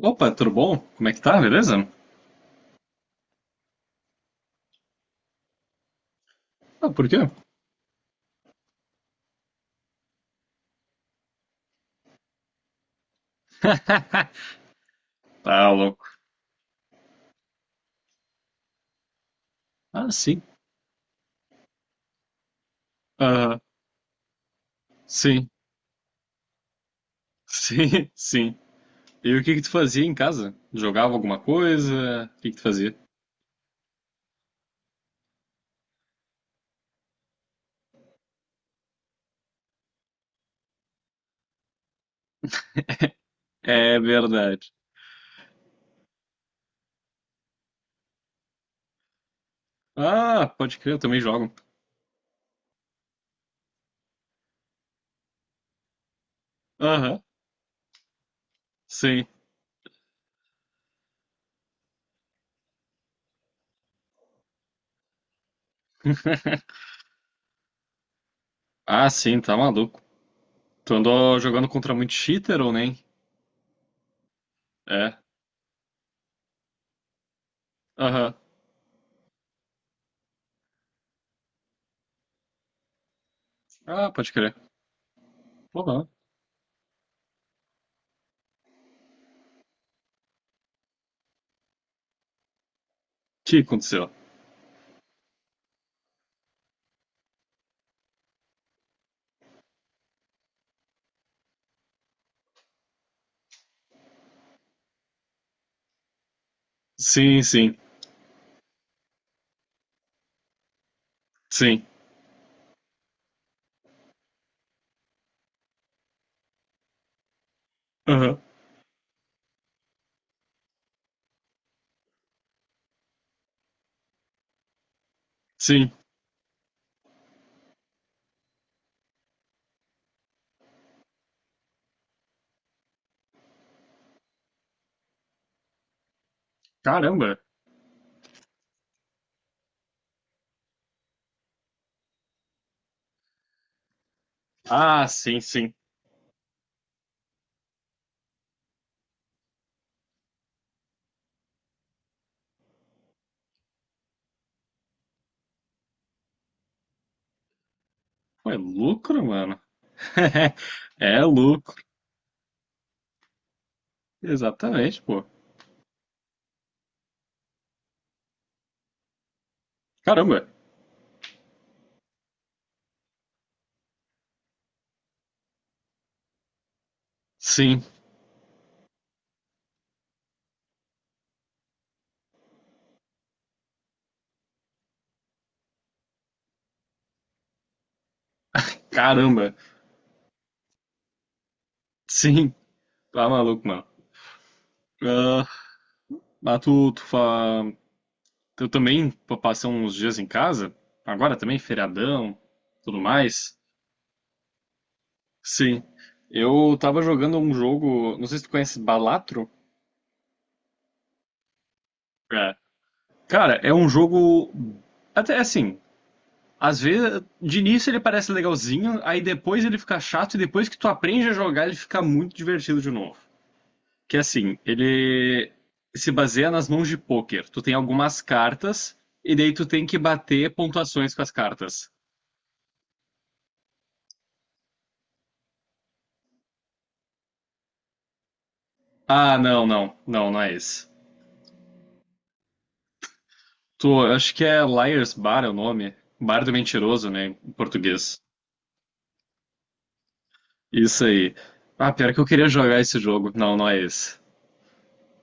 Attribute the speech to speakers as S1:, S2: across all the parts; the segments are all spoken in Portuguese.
S1: Opa, tudo bom? Como é que tá? Beleza? Ah, por quê? Tá louco. Ah, sim. Ah, sim. Sim, sim. E o que que tu fazia em casa? Jogava alguma coisa? O que que tu fazia? É verdade. Ah, pode crer, eu também jogo. Aham, sim. Ah, sim, tá maluco. Tu andou jogando contra muito cheater ou nem? É. Aham. Ah, pode crer. Porra. O que aconteceu? Sim, sim, sim. Aham. Sim. Caramba. Ah, sim, sim. Pô, é lucro, mano. É lucro. Exatamente, pô. Caramba. Sim. Caramba. Sim. Tá maluco, mano. Ah, mas tu, tu fa... Eu também passei uns dias em casa. Agora também, feriadão, tudo mais. Sim. Eu tava jogando um jogo. Não sei se tu conhece Balatro. É. Cara, é um jogo. Até assim, às vezes, de início ele parece legalzinho, aí depois ele fica chato e depois que tu aprende a jogar ele fica muito divertido de novo. Que assim, ele se baseia nas mãos de pôquer. Tu tem algumas cartas e daí tu tem que bater pontuações com as cartas. Ah, não, não, não, não é esse. Eu acho que é Liars Bar é o nome. Bar do Mentiroso, né, em português. Isso aí. Ah, pior que eu queria jogar esse jogo. Não, não é esse.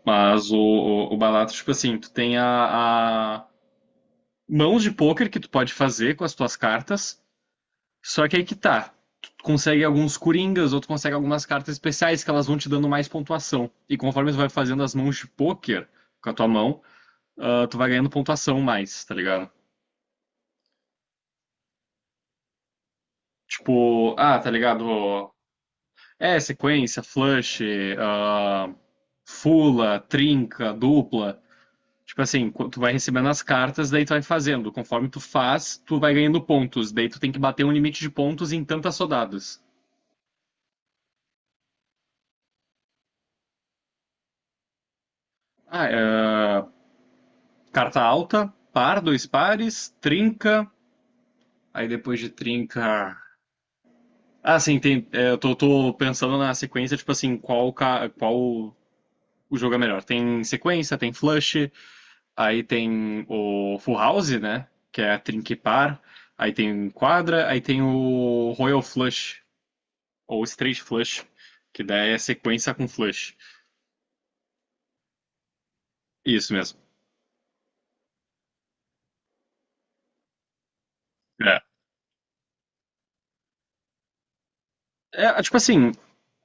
S1: Mas o barato, tipo assim, tu tem a mãos de pôquer que tu pode fazer com as tuas cartas. Só que aí que tá. Tu consegue alguns coringas, ou tu consegue algumas cartas especiais que elas vão te dando mais pontuação. E conforme tu vai fazendo as mãos de pôquer com a tua mão, tu vai ganhando pontuação mais, tá ligado? Tipo, tá ligado? É, sequência, flush, ah, fula, trinca, dupla. Tipo assim, tu vai recebendo as cartas, daí tu vai fazendo. Conforme tu faz, tu vai ganhando pontos. Daí tu tem que bater um limite de pontos em tantas rodadas. Ah, é, carta alta, par, dois pares, trinca. Aí depois de trinca. Ah, sim, tem, é, eu tô pensando na sequência, tipo assim, qual o jogo é melhor. Tem sequência, tem flush, aí tem o full house, né? Que é a trinca e par. Aí tem quadra, aí tem o royal flush, ou straight flush, que daí é sequência com flush. Isso mesmo. É. É, tipo assim,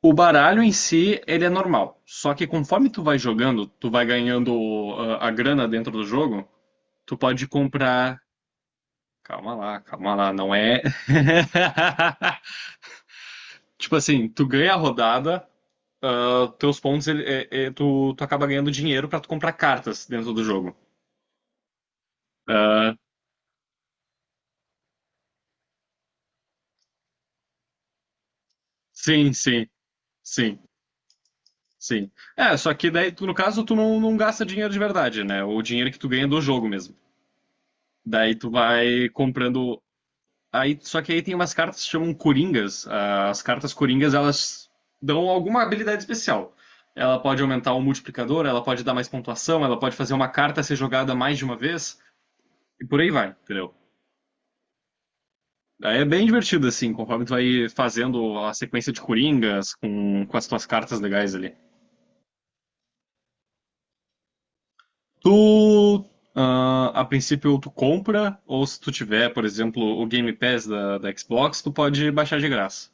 S1: o baralho em si, ele é normal. Só que conforme tu vai jogando, tu vai ganhando a grana dentro do jogo, tu pode comprar. Calma lá, não é. Tipo assim, tu ganha a rodada, teus pontos, tu acaba ganhando dinheiro pra tu comprar cartas dentro do jogo. Ah, sim, sim, sim, sim. É, só que daí, tu, no caso, tu não, não gasta dinheiro de verdade, né? O dinheiro que tu ganha do jogo mesmo. Daí tu vai comprando. Aí, só que aí tem umas cartas que chamam Coringas. Ah, as cartas Coringas, elas dão alguma habilidade especial. Ela pode aumentar o multiplicador, ela pode dar mais pontuação, ela pode fazer uma carta ser jogada mais de uma vez, e por aí vai, entendeu? Aí é bem divertido, assim, conforme tu vai fazendo a sequência de Coringas com as tuas cartas legais ali. Tu, a princípio, tu compra, ou se tu tiver, por exemplo, o Game Pass da Xbox, tu pode baixar de graça.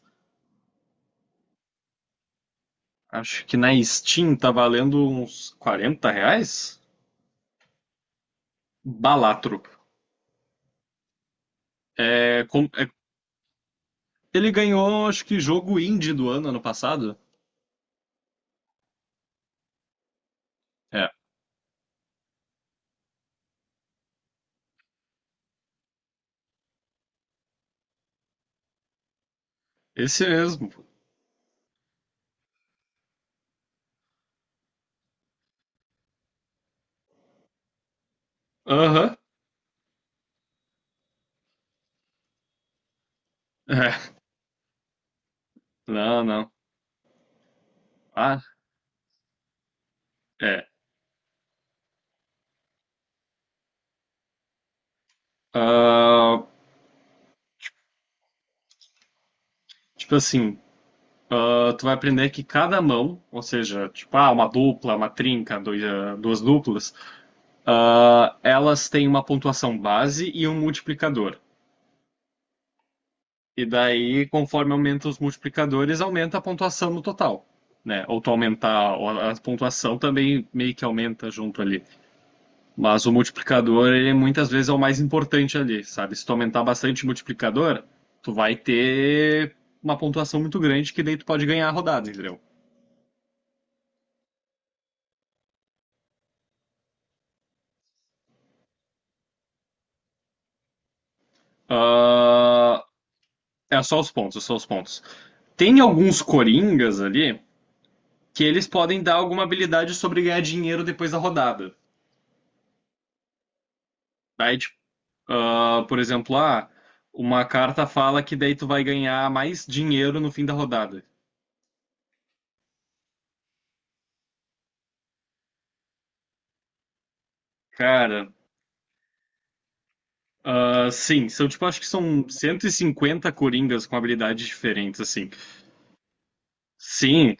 S1: Acho que na Steam tá valendo uns R$ 40? Balatro. É, ele ganhou, acho que, jogo indie do ano, ano passado. É, esse mesmo. Aham. É, não, não. Ah, é. Ah, tipo assim, tu vai aprender que cada mão, ou seja, tipo, uma dupla, uma trinca, duas duplas, elas têm uma pontuação base e um multiplicador. E daí, conforme aumenta os multiplicadores, aumenta a pontuação no total, né? Ou tu aumentar ou a pontuação também meio que aumenta junto ali. Mas o multiplicador, ele muitas vezes é o mais importante ali, sabe? Se tu aumentar bastante o multiplicador, tu vai ter uma pontuação muito grande que daí tu pode ganhar a rodada, entendeu? Ah, é só os pontos, é só os pontos. Tem alguns coringas ali que eles podem dar alguma habilidade sobre ganhar dinheiro depois da rodada. Daí, tipo, por exemplo, uma carta fala que daí tu vai ganhar mais dinheiro no fim da rodada. Cara, sim, são tipo, acho que são 150 coringas com habilidades diferentes, assim. Sim,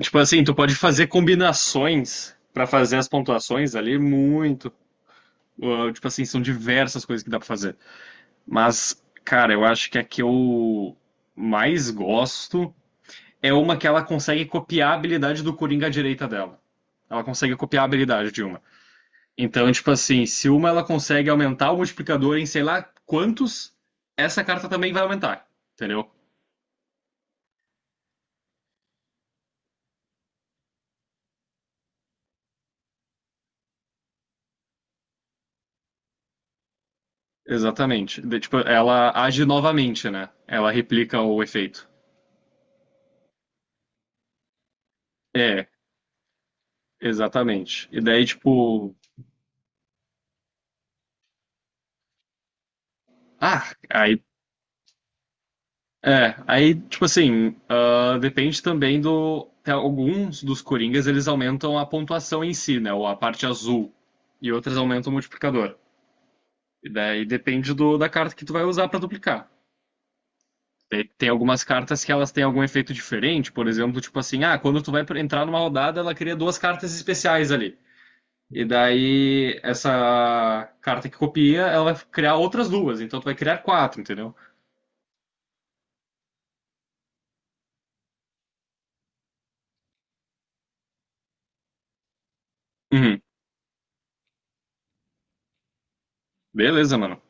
S1: tipo assim, tu pode fazer combinações pra fazer as pontuações ali, muito. Ah, tipo assim, são diversas coisas que dá pra fazer. Mas, cara, eu acho que a que eu mais gosto é uma que ela consegue copiar a habilidade do Coringa à direita dela. Ela consegue copiar a habilidade de uma. Então, tipo assim, se uma ela consegue aumentar o multiplicador em sei lá quantos, essa carta também vai aumentar, entendeu? Exatamente. Tipo, ela age novamente, né? Ela replica o efeito. É, exatamente. E daí, tipo. Ah, aí. É, aí, tipo assim, depende também do. Tem alguns dos Coringas, eles aumentam a pontuação em si, né? Ou a parte azul. E outras aumentam o multiplicador. E daí depende do, da carta que tu vai usar pra duplicar. Tem algumas cartas que elas têm algum efeito diferente, por exemplo, tipo assim, quando tu vai entrar numa rodada, ela cria duas cartas especiais ali. E daí, essa carta que copia, ela vai criar outras duas. Então tu vai criar quatro, entendeu? Uhum. Beleza, mano.